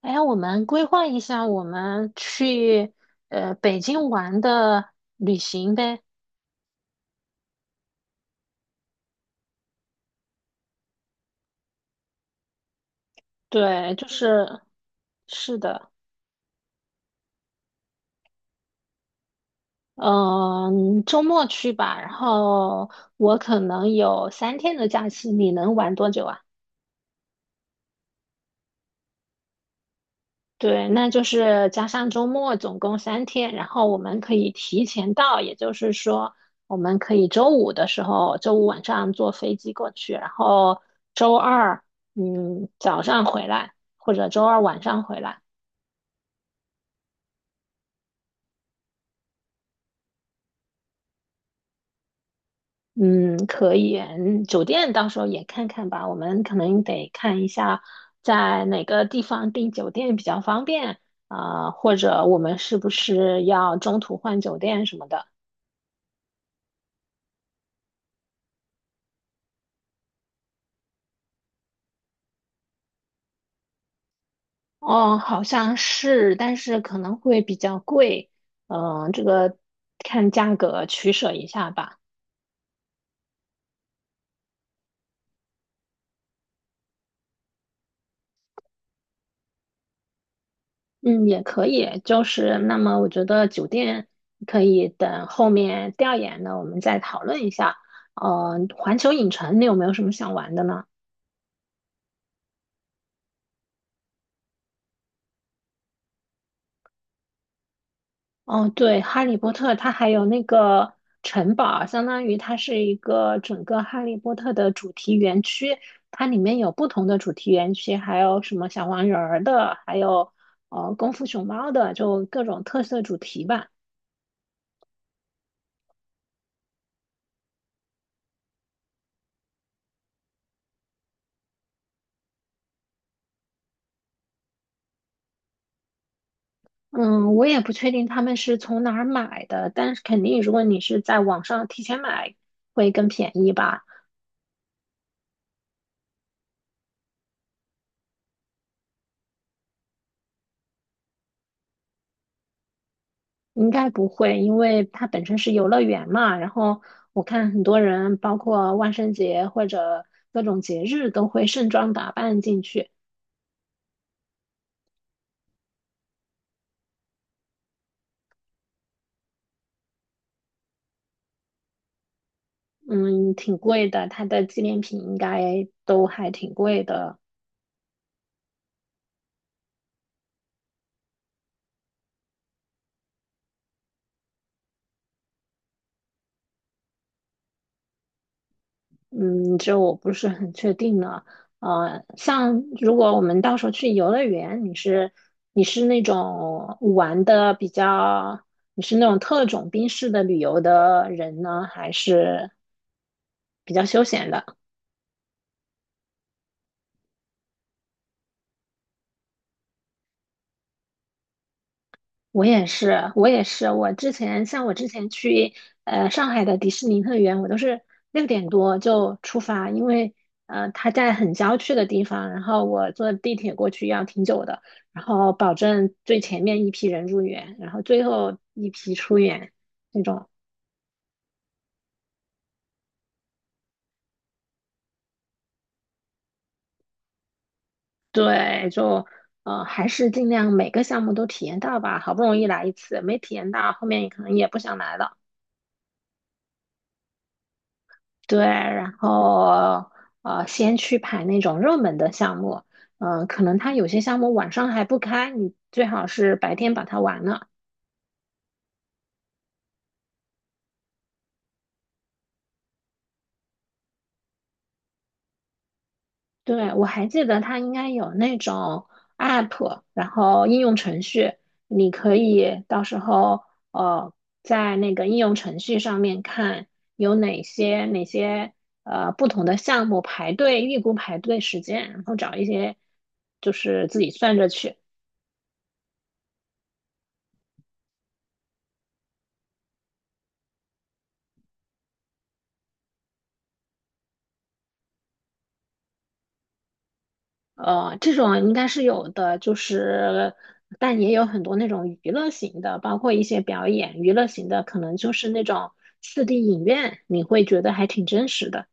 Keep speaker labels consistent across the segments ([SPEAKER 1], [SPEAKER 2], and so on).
[SPEAKER 1] 哎呀我们规划一下我们去北京玩的旅行呗。对，就是是的，嗯，周末去吧。然后我可能有三天的假期，你能玩多久啊？对，那就是加上周末，总共三天。然后我们可以提前到，也就是说，我们可以周五的时候，周五晚上坐飞机过去，然后周二，早上回来，或者周二晚上回来。嗯，可以。嗯酒店到时候也看看吧，我们可能得看一下在哪个地方订酒店比较方便啊，或者我们是不是要中途换酒店什么的。哦，好像是，但是可能会比较贵，这个看价格取舍一下吧。嗯，也可以，就是那么我觉得酒店可以等后面调研呢，我们再讨论一下。嗯，环球影城你有没有什么想玩的呢？哦，对，《哈利波特》它还有那个城堡，相当于它是一个整个《哈利波特》的主题园区，它里面有不同的主题园区，还有什么小黄人儿的，还有功夫熊猫的，就各种特色主题吧。嗯，我也不确定他们是从哪儿买的，但是肯定如果你是在网上提前买，会更便宜吧。应该不会，因为它本身是游乐园嘛。然后我看很多人，包括万圣节或者各种节日，都会盛装打扮进去。嗯，挺贵的，它的纪念品应该都还挺贵的。嗯，这我不是很确定呢。像如果我们到时候去游乐园，你是那种玩的比较，你是那种特种兵式的旅游的人呢，还是比较休闲的？我也是，我也是。我之前像我之前去上海的迪士尼乐园，我都是6点多就出发，因为它在很郊区的地方，然后我坐地铁过去要挺久的，然后保证最前面一批人入园，然后最后一批出园那种。对，就还是尽量每个项目都体验到吧，好不容易来一次，没体验到后面可能也不想来了。对，然后先去排那种热门的项目，可能它有些项目晚上还不开，你最好是白天把它完了。对，我还记得它应该有那种 app，然后应用程序，你可以到时候呃，在那个应用程序上面看有哪些不同的项目排队，预估排队时间，然后找一些就是自己算着去。这种应该是有的，就是，但也有很多那种娱乐型的，包括一些表演，娱乐型的可能就是那种4D 影院，你会觉得还挺真实的。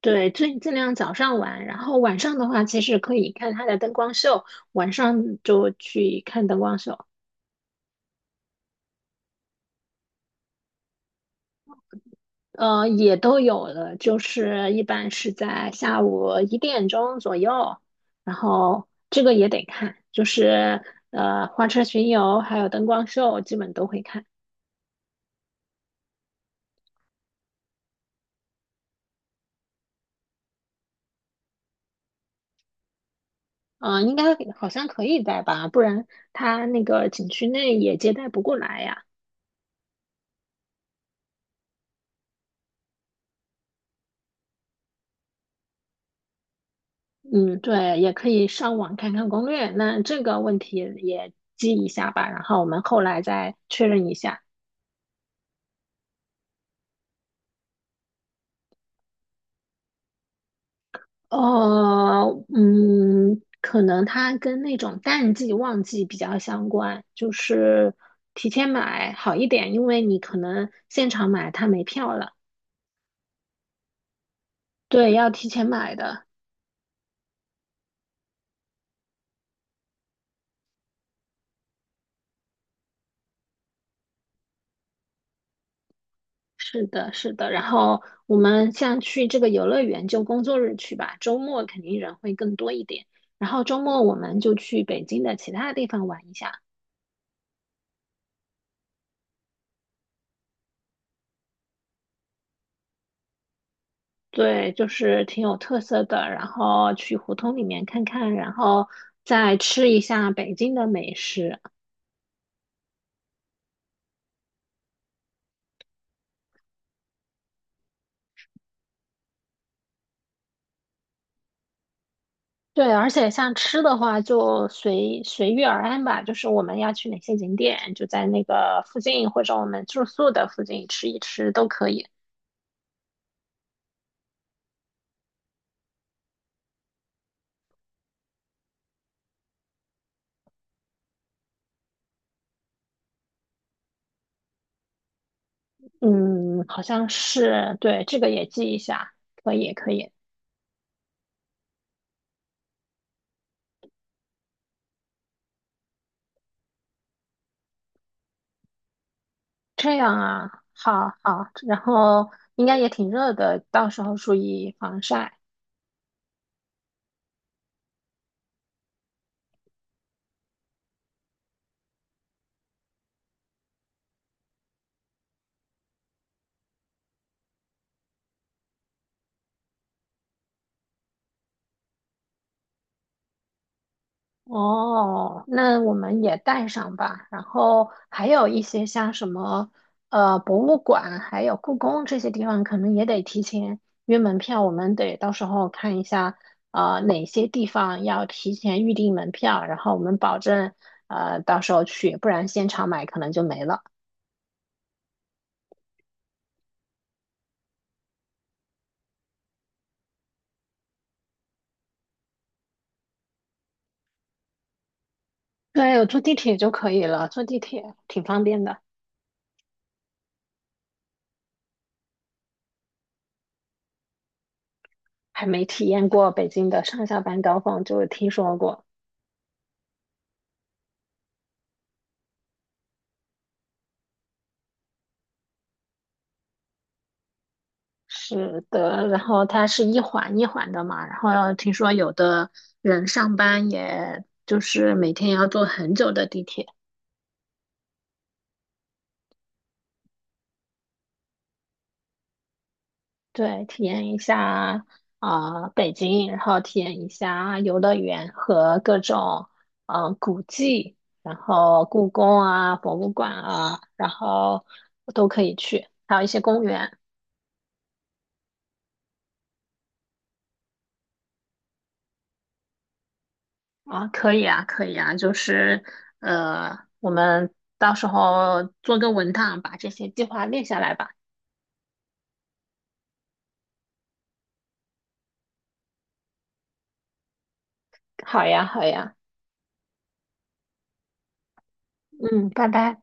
[SPEAKER 1] 对，尽量早上玩，然后晚上的话，其实可以看它的灯光秀，晚上就去看灯光秀。也都有了，就是一般是在下午1点钟左右，然后这个也得看，就是花车巡游还有灯光秀基本都会看，应该好像可以带吧，不然他那个景区内也接待不过来呀。嗯，对，也可以上网看看攻略，那这个问题也记一下吧，然后我们后来再确认一下。呃，可能它跟那种淡季旺季比较相关，就是提前买好一点，因为你可能现场买它没票了。对，要提前买的。是的，是的。然后我们像去这个游乐园就工作日去吧，周末肯定人会更多一点。然后周末我们就去北京的其他地方玩一下。对，就是挺有特色的。然后去胡同里面看看，然后再吃一下北京的美食。对，而且像吃的话，就随随遇而安吧。就是我们要去哪些景点，就在那个附近或者我们住宿的附近吃一吃都可以。嗯，好像是，对，这个也记一下，可以，可以。这样啊，好好。然后应该也挺热的，到时候注意防晒。哦，那我们也带上吧。然后还有一些像什么博物馆，还有故宫这些地方，可能也得提前约门票。我们得到时候看一下，哪些地方要提前预订门票，然后我们保证到时候去，不然现场买可能就没了。对，我坐地铁就可以了，坐地铁挺方便的，还没体验过北京的上下班高峰，就听说过。是的，然后它是一环一环的嘛，然后听说有的人上班也就是每天要坐很久的地铁，对，体验一下啊、北京，然后体验一下游乐园和各种古迹，然后故宫啊、博物馆啊，然后都可以去，还有一些公园。啊，可以啊，可以啊，就是我们到时候做个文档，把这些计划列下来吧。好呀，好呀，嗯，拜拜。